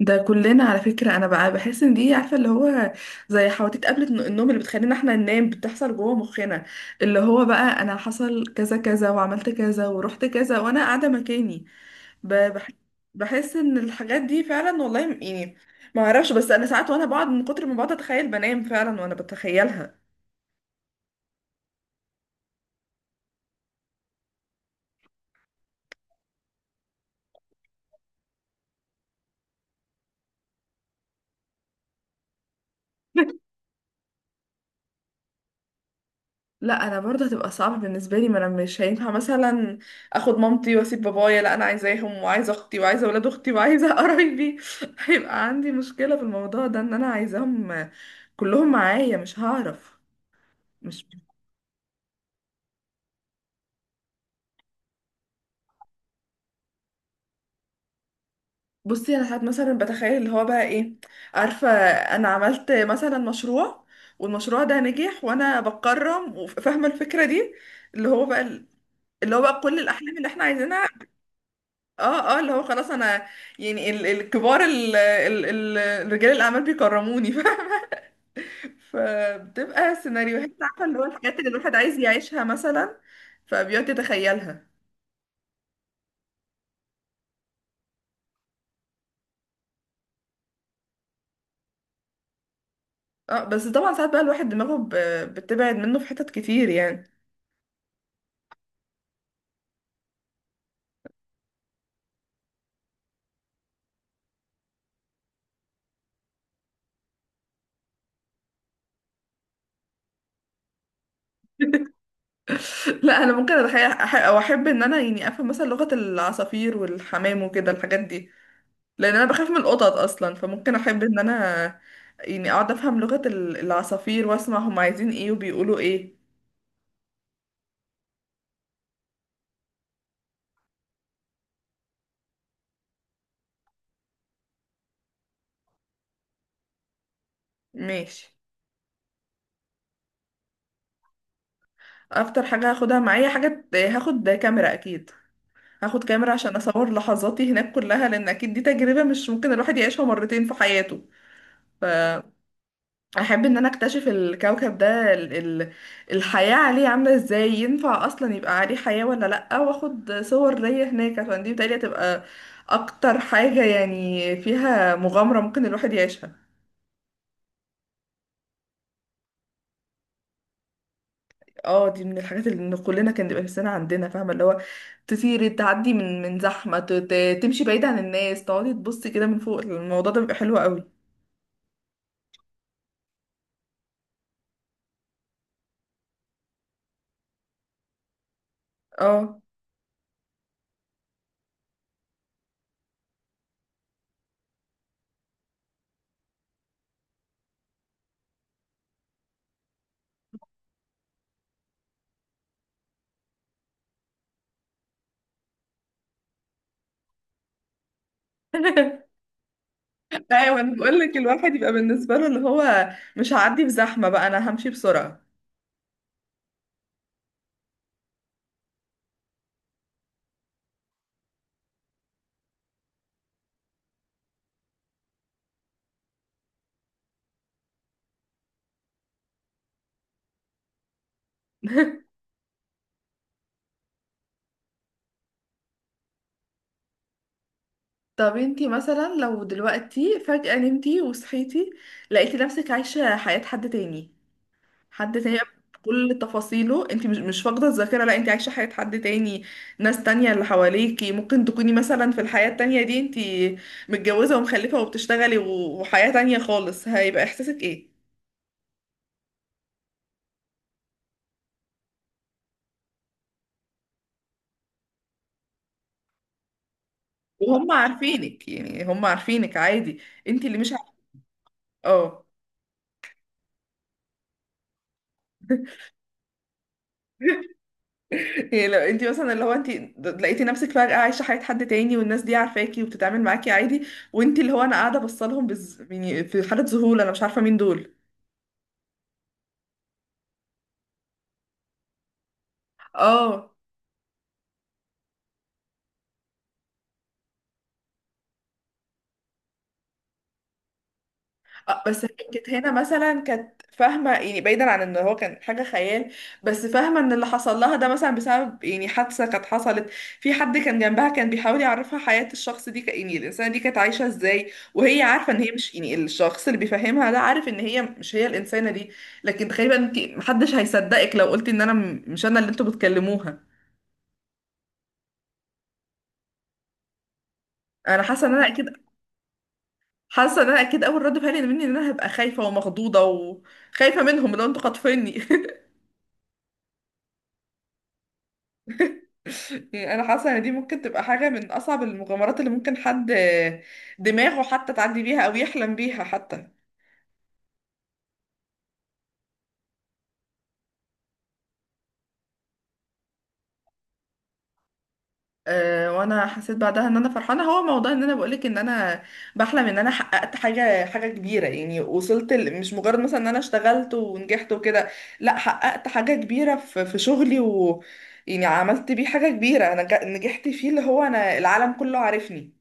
ده كلنا على فكرة، أنا بقى بحس إن دي عارفة اللي هو زي حواديت قبل النوم اللي بتخلينا إحنا ننام بتحصل جوه مخنا، اللي هو بقى أنا حصل كذا كذا وعملت كذا ورحت كذا وأنا قاعدة مكاني. ب- بح- بحس إن الحاجات دي فعلا والله، يعني ما أعرفش. بس أنا ساعات وأنا بقعد من كتر ما بقعد أتخيل بنام فعلا وأنا بتخيلها. لا انا برضه هتبقى صعبة بالنسبة لي، ما انا مش هينفع مثلا اخد مامتي واسيب بابايا. لا انا عايزاهم، وعايزة اختي، وعايزة ولاد اختي، وعايزة قرايبي. هيبقى عندي مشكلة في الموضوع ده، ان انا عايزاهم كلهم معايا، مش هعرف. مش. بصي انا ساعات مثلا بتخيل اللي هو بقى ايه. عارفة، انا عملت مثلا مشروع والمشروع ده نجح وانا بتكرم وفاهمة الفكرة دي، اللي هو بقى كل الاحلام اللي احنا عايزينها. اه. اه اللي هو خلاص انا، يعني ال- الكبار ال- ال- ال- الرجال الاعمال بيكرموني، فاهمة؟ فبتبقى سيناريوهات عارفه اللي هو الحاجات اللي الواحد عايز يعيشها مثلا، فبيقعد يتخيلها. اه بس طبعا ساعات بقى الواحد دماغه بتبعد منه في حتت كتير يعني. لا انا ممكن اتخيل او احب ان انا يعني افهم مثلا لغة العصافير والحمام وكده الحاجات دي. لان انا بخاف من القطط اصلا، فممكن احب ان انا يعني اقعد افهم لغة العصافير واسمع هم عايزين ايه وبيقولوا ايه. ماشي. اكتر حاجة هاخدها معايا، حاجة هاخد كاميرا اكيد. هاخد كاميرا عشان اصور لحظاتي هناك كلها، لان اكيد دي تجربة مش ممكن الواحد يعيشها مرتين في حياته. فاحب ان انا اكتشف الكوكب ده، ال ال الحياة عليه عاملة ازاي، ينفع اصلا يبقى عليه حياة ولا لأ، واخد صور ليا هناك، عشان دي بتهيألي هتبقى اكتر حاجة يعني فيها مغامرة ممكن الواحد يعيشها. اه دي من الحاجات اللي إن كلنا كان بيبقى نفسنا عندنا، فاهمه اللي هو تطيري، تعدي من زحمه، تمشي بعيد عن الناس، تقعدي تبصي كده من فوق، الموضوع ده بيبقى حلو قوي. اه. ايوه انا بقول لك الواحد يبقى بالنسبه له اللي هو مش هعدي بزحمه بقى، انا همشي بسرعه. طب انتي مثلا لو دلوقتي فجأة نمتي وصحيتي لقيتي نفسك عايشة حياة حد تاني، حد تاني بقى، بكل تفاصيله. انت مش فاقده الذاكره، لا انت عايشه حياه حد تاني. ناس تانية اللي حواليكي، ممكن تكوني مثلا في الحياه التانية دي انت متجوزه ومخلفه وبتشتغلي وحياه تانية خالص. هيبقى احساسك ايه؟ وهم عارفينك، يعني هم عارفينك عادي، انت اللي مش عارفه. اه. يعني لو انت مثلا اللي هو انت لقيتي نفسك فجأة عايشة حياة حد تاني، والناس دي عارفاكي وبتتعامل معاكي عادي، وانت اللي هو انا قاعدة بصلهم يعني في حالة ذهول، انا مش عارفة مين دول. اه. اه بس هي كانت هنا مثلا كانت فاهمة، يعني بعيدا عن ان هو كان حاجة خيال، بس فاهمة ان اللي حصل لها ده مثلا بسبب يعني حادثة كانت حصلت، في حد كان جنبها كان بيحاول يعرفها حياة الشخص دي، ك- يعني الإنسانة دي كانت عايشة ازاي، وهي عارفة ان هي مش يعني الشخص اللي بيفهمها ده عارف ان هي مش هي الإنسانة دي. لكن تقريبا انت محدش هيصدقك لو قلتي ان انا مش انا اللي انتوا بتكلموها. انا حاسة ان انا اكيد حاسة ان انا اكيد اول رد فعلي مني ان انا هبقى خايفة ومخضوضة وخايفة منهم، لو انتوا خاطفيني. يعني انا حاسه ان دي ممكن تبقى حاجه من اصعب المغامرات اللي ممكن حد دماغه حتى تعدي بيها او يحلم بيها حتى. أه وانا حسيت بعدها ان انا فرحانه، هو موضوع ان انا بقولك ان انا بحلم ان انا حققت حاجه كبيره، يعني وصلت مش مجرد مثلا ان انا اشتغلت ونجحت وكده، لا حققت حاجه كبيره في شغلي، و يعني عملت بيه حاجه كبيره، انا نجحت فيه، اللي هو انا العالم كله عارفني.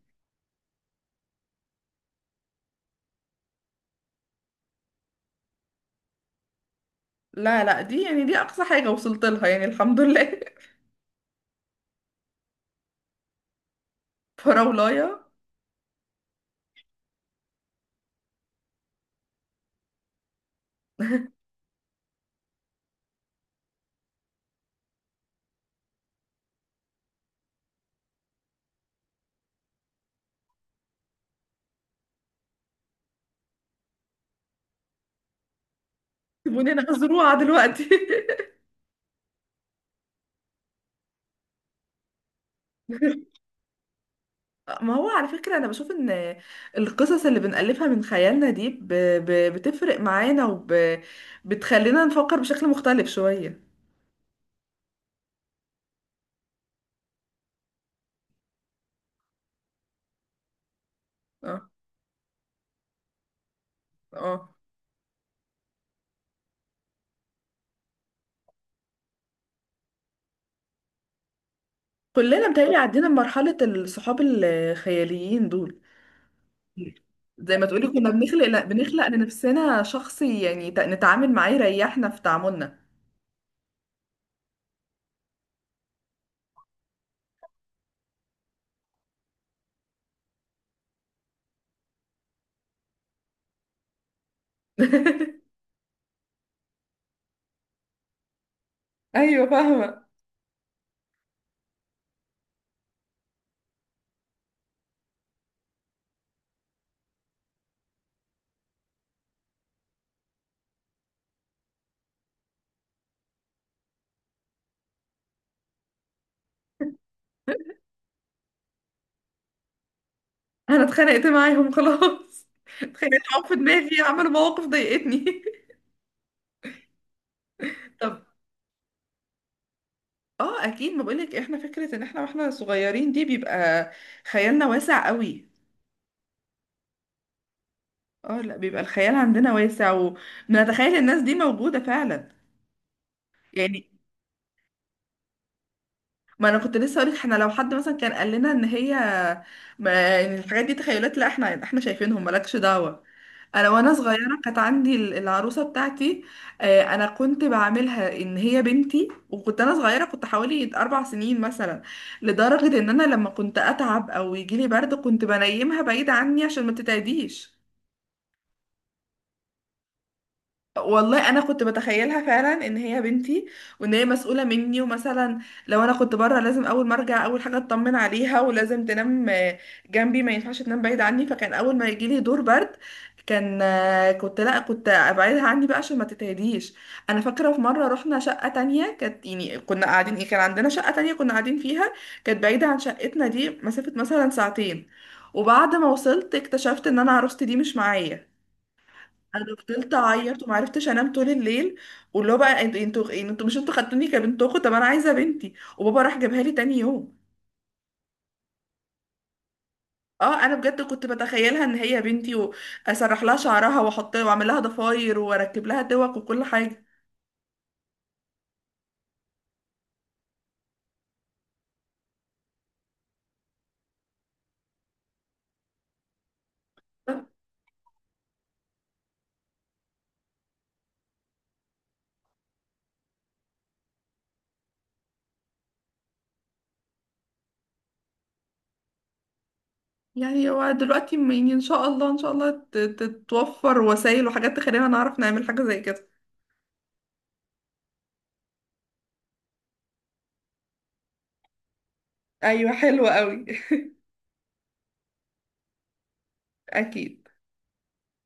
لا لا دي يعني دي اقصى حاجه وصلت لها، يعني الحمد لله. فراولايه، سيبوني انا هزروعه دلوقتي. ما هو على فكرة أنا بشوف إن القصص اللي بنألفها من خيالنا دي بتفرق معانا، بتخلينا نفكر بشكل مختلف شوية. اه. اه، كلنا متهيألي عدينا بمرحلة الصحاب الخياليين دول، زي ما تقولي كنا بنخلق، لا بنخلق لنفسنا شخص يعني نتعامل معاه يريحنا في تعاملنا. أيوة فاهمة. أنا اتخانقت معاهم خلاص، اتخانقت معاهم في دماغي، عملوا مواقف ضايقتني. طب. اه اكيد، ما بقولك احنا فكره ان احنا واحنا صغيرين دي بيبقى خيالنا واسع قوي. اه. لا بيبقى الخيال عندنا واسع، ونتخيل الناس دي موجوده فعلا. يعني ما انا كنت لسه هقولك احنا لو حد مثلا كان قال لنا ان هي، ما ان الحاجات دي تخيلات، لا احنا شايفينهم مالكش دعوة. انا وانا صغيرة كانت عندي العروسة بتاعتي، آه، انا كنت بعملها ان هي بنتي، وكنت انا صغيرة، كنت حوالي 4 سنين مثلا. لدرجة ان انا لما كنت اتعب او يجيلي برد كنت بنيمها بعيد عني عشان ما تتعديش. والله انا كنت بتخيلها فعلا ان هي بنتي، وان هي مسؤوله مني، ومثلا لو انا كنت بره لازم اول ما ارجع اول حاجه اطمن عليها، ولازم تنام آه، جنبي، ما ينفعش تنام بعيد عني. فكان اول ما يجي لي دور برد كان آه، كنت، لا كنت ابعدها عني بقى عشان ما تتهديش. انا فاكره في مره رحنا شقه تانية، كانت يعني كنا قاعدين ايه، كان عندنا شقه تانية كنا قاعدين فيها، كانت بعيده عن شقتنا دي مسافه مثلا ساعتين. وبعد ما وصلت اكتشفت ان انا عروستي دي مش معايا. انا فضلت اعيط وما عرفتش انام طول الليل، واللي هو بقى، انتوا يعني انتوا مش انتوا خدتوني كبنت اخو، طب انا عايزه بنتي. وبابا راح جابها لي تاني يوم. اه انا بجد كنت بتخيلها ان هي بنتي، واسرح لها شعرها واحط واعمل لها ضفاير واركب لها دوق وكل حاجه. يعني هو دلوقتي يعني ان شاء الله، ان شاء الله تتوفر وسائل وحاجات تخلينا نعرف نعمل حاجه زي كده. ايوه حلوه قوي. اكيد.